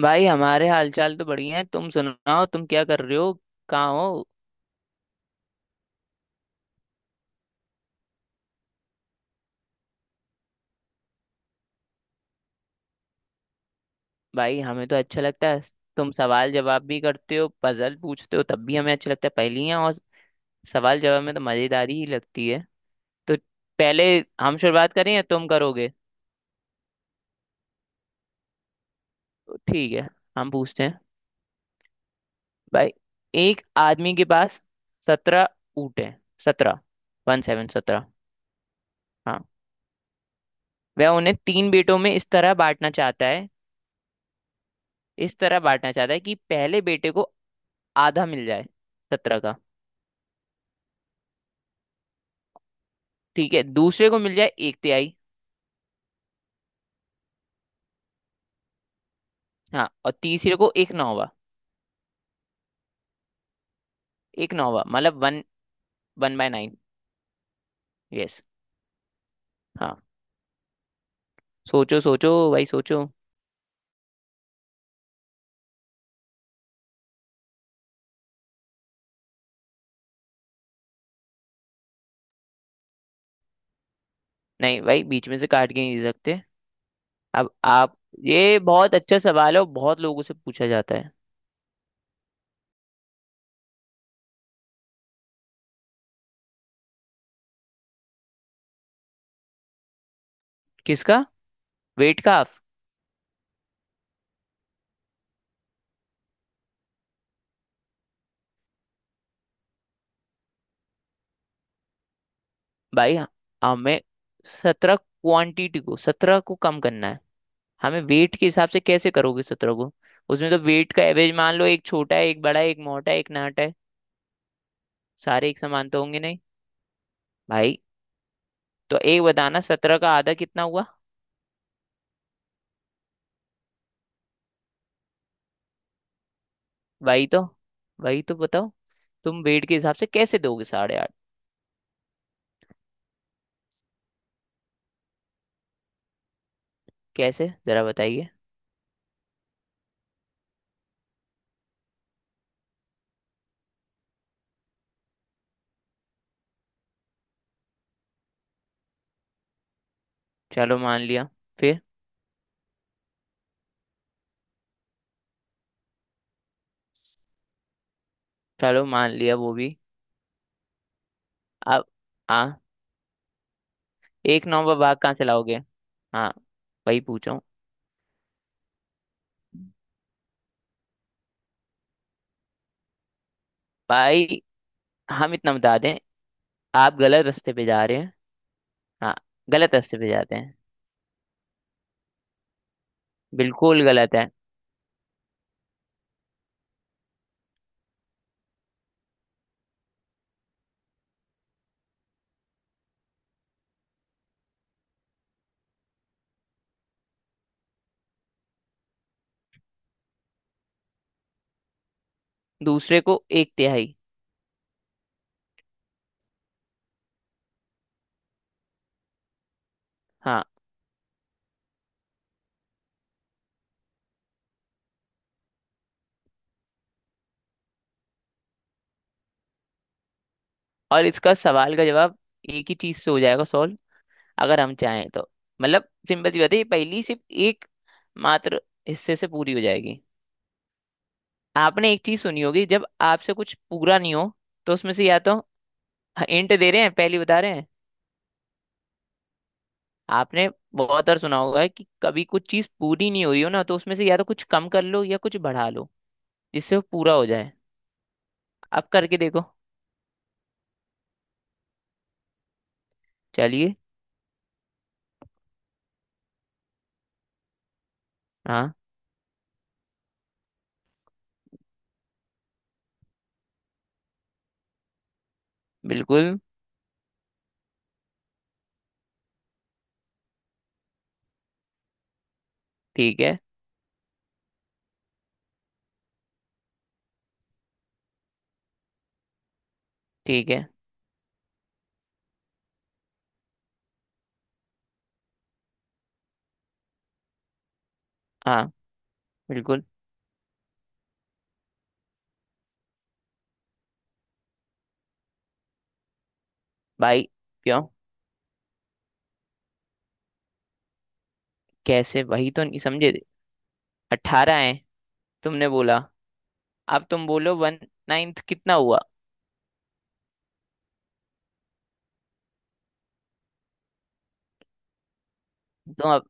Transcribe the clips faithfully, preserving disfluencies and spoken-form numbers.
भाई हमारे हालचाल तो बढ़िया है। तुम सुनाओ, तुम क्या कर रहे हो? कहाँ हो? भाई हमें तो अच्छा लगता है। तुम सवाल जवाब भी करते हो, पजल पूछते हो, तब भी हमें अच्छा लगता है। पहेलियाँ और सवाल जवाब में तो मजेदारी ही लगती है। तो पहले हम शुरुआत करें या तुम करोगे? ठीक है, हम पूछते हैं। भाई, एक आदमी के पास सत्रह ऊँट हैं। सत्रह, वन सेवन सत्रह। हाँ। वह उन्हें तीन बेटों में इस तरह बांटना चाहता है, इस तरह बांटना चाहता है कि पहले बेटे को आधा मिल जाए, सत्रह का। ठीक है, दूसरे को मिल जाए एक तिहाई। हाँ, और तीसरे को एक नौवा। एक नौवा मतलब one, one by nine. Yes. हाँ। सोचो सोचो भाई सोचो। नहीं भाई, बीच में से काट के नहीं दे सकते। अब आप। ये बहुत अच्छा सवाल है और बहुत लोगों से पूछा जाता है। किसका? वेट का हाफ? भाई, हमें सत्रह क्वांटिटी को, सत्रह को कम करना है। हमें वेट के हिसाब से कैसे करोगे सत्रह को? उसमें तो वेट का एवरेज मान लो, एक छोटा है, एक बड़ा है, एक मोटा है, एक नाटा है। सारे एक समान तो होंगे नहीं भाई। तो एक बताना, सत्रह का आधा कितना हुआ। वही तो। वही तो बताओ। तुम वेट के हिसाब से कैसे दोगे साढ़े आठ? कैसे जरा बताइए। चलो मान लिया, फिर? चलो मान लिया वो भी। अब। हाँ, एक नंबर भाग कहाँ से लाओगे। हाँ वही पूछो। भाई, हम इतना बता दें, आप गलत रास्ते पे जा रहे हैं। हाँ, गलत रास्ते पे जाते हैं। बिल्कुल गलत है। दूसरे को एक तिहाई। हाँ। और इसका सवाल का जवाब एक ही चीज से हो जाएगा सॉल्व, अगर हम चाहें तो। मतलब सिंपल सी बात है, ये पहेली सिर्फ एक मात्र हिस्से से पूरी हो जाएगी। आपने एक चीज सुनी होगी, जब आपसे कुछ पूरा नहीं हो तो उसमें से या तो। इंट दे रहे हैं, पहली बता रहे हैं। आपने बहुत बार सुना होगा कि कभी कुछ चीज पूरी नहीं हो रही हो ना, तो उसमें से या तो कुछ कम कर लो या कुछ बढ़ा लो, जिससे वो पूरा हो जाए। आप करके देखो। चलिए। हाँ बिल्कुल। ठीक है, ठीक है। हाँ बिल्कुल भाई। क्यों? कैसे, वही तो नहीं समझे। अट्ठारह है, तुमने बोला। अब तुम बोलो, वन नाइन्थ कितना हुआ। तुम अब।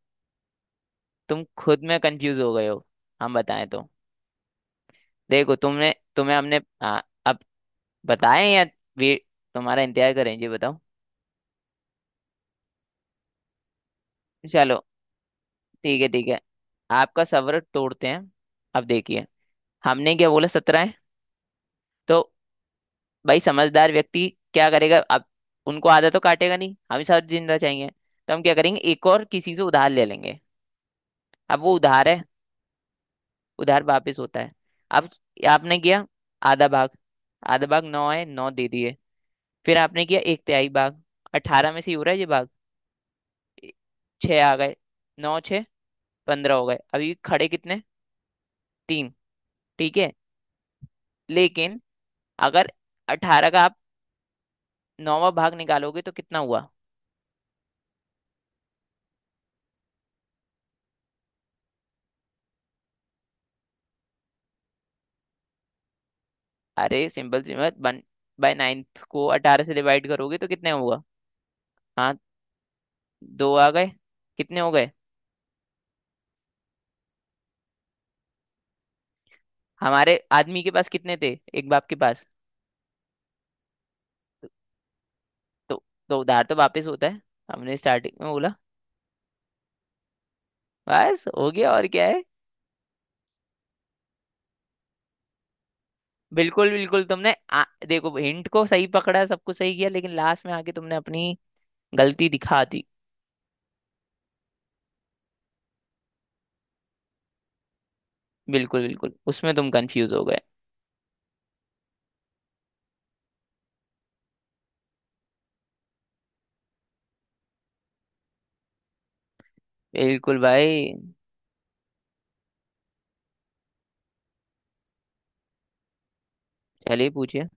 तुम खुद में कंफ्यूज हो गए हो। हम बताएं तो? देखो तुमने, तुम्हें हमने। हाँ, अब बताएं या वे तुम्हारा इंतजार करें? जी बताओ। चलो, ठीक है ठीक है। आपका सब्र तोड़ते हैं। अब देखिए, हमने क्या बोला, सत्रह है। तो भाई समझदार व्यक्ति क्या करेगा अब? उनको आधा तो काटेगा नहीं, हम ही साथ जिंदा चाहिए, तो हम क्या करेंगे, एक और किसी से उधार ले लेंगे। अब वो उधार है, उधार वापस होता है। अब आपने किया आधा भाग, आधा भाग नौ है, नौ दे दिए। फिर आपने किया एक तिहाई भाग, अठारह में से ही हो रहा है ये भाग। छः आ गए। नौ, छः, पंद्रह हो गए, अभी खड़े कितने? तीन। ठीक है, लेकिन अगर अठारह का आप नौवां भाग निकालोगे तो कितना हुआ? अरे सिंपल सी बात, वन बाय नाइन्थ को अठारह से डिवाइड करोगे तो कितने होगा? हाँ, दो आ गए। कितने हो गए? हमारे आदमी के पास कितने थे, एक बाप के पास? तो तो उधार तो वापस होता है, हमने स्टार्टिंग में बोला। बस हो गया, और क्या है। बिल्कुल बिल्कुल, तुमने आ, देखो, हिंट को सही पकड़ा, सब कुछ सही किया, लेकिन लास्ट में आके तुमने अपनी गलती दिखा दी। बिल्कुल बिल्कुल, उसमें तुम कंफ्यूज हो गए। बिल्कुल भाई। चलिए पूछिए।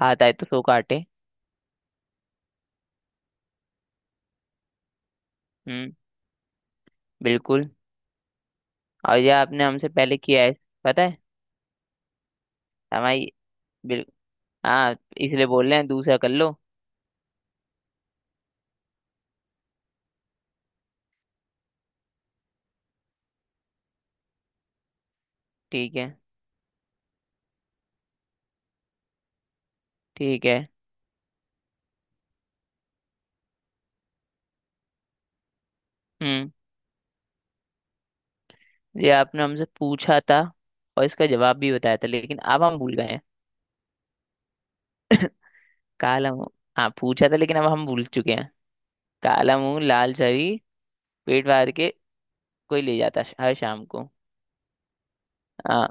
हाथ आए तो सो काटे। हम्म, बिल्कुल। और ये आपने हमसे पहले किया है, पता है। हमारी बिल। हाँ, इसलिए बोल रहे हैं दूसरा कर लो। ठीक है, ठीक है। हम्म। ये आपने हमसे पूछा था और इसका जवाब भी बताया था, लेकिन अब हम भूल गए हैं। काला मुंह। हाँ पूछा था, लेकिन अब हम भूल चुके हैं। काला मुंह लाल शरीर, पेट फाड़ के कोई ले जाता श- हर शाम को। हाँ।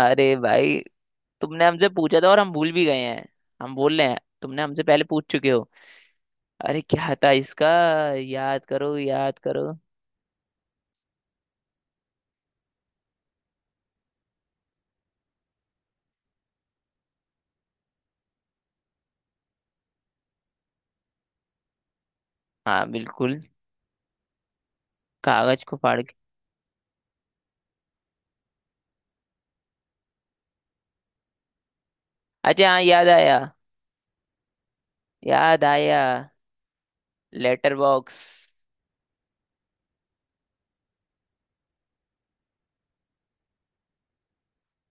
अरे भाई, तुमने हमसे पूछा था और हम भूल भी गए हैं। हम बोल रहे हैं तुमने हमसे पहले पूछ चुके हो। अरे क्या था इसका? याद करो, याद करो। हाँ बिल्कुल। कागज को फाड़ के। अच्छा हाँ, याद आया, याद आया। Letter box.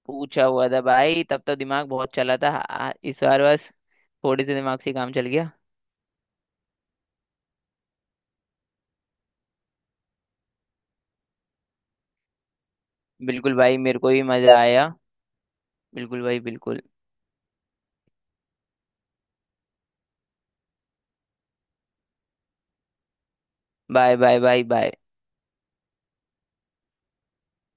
पूछा हुआ था भाई, तब तो दिमाग बहुत चला था, आ, इस बार बस थोड़े से दिमाग से ही काम चल गया। बिल्कुल भाई, मेरे को भी मजा आया। बिल्कुल भाई बिल्कुल। Bye bye, bye bye.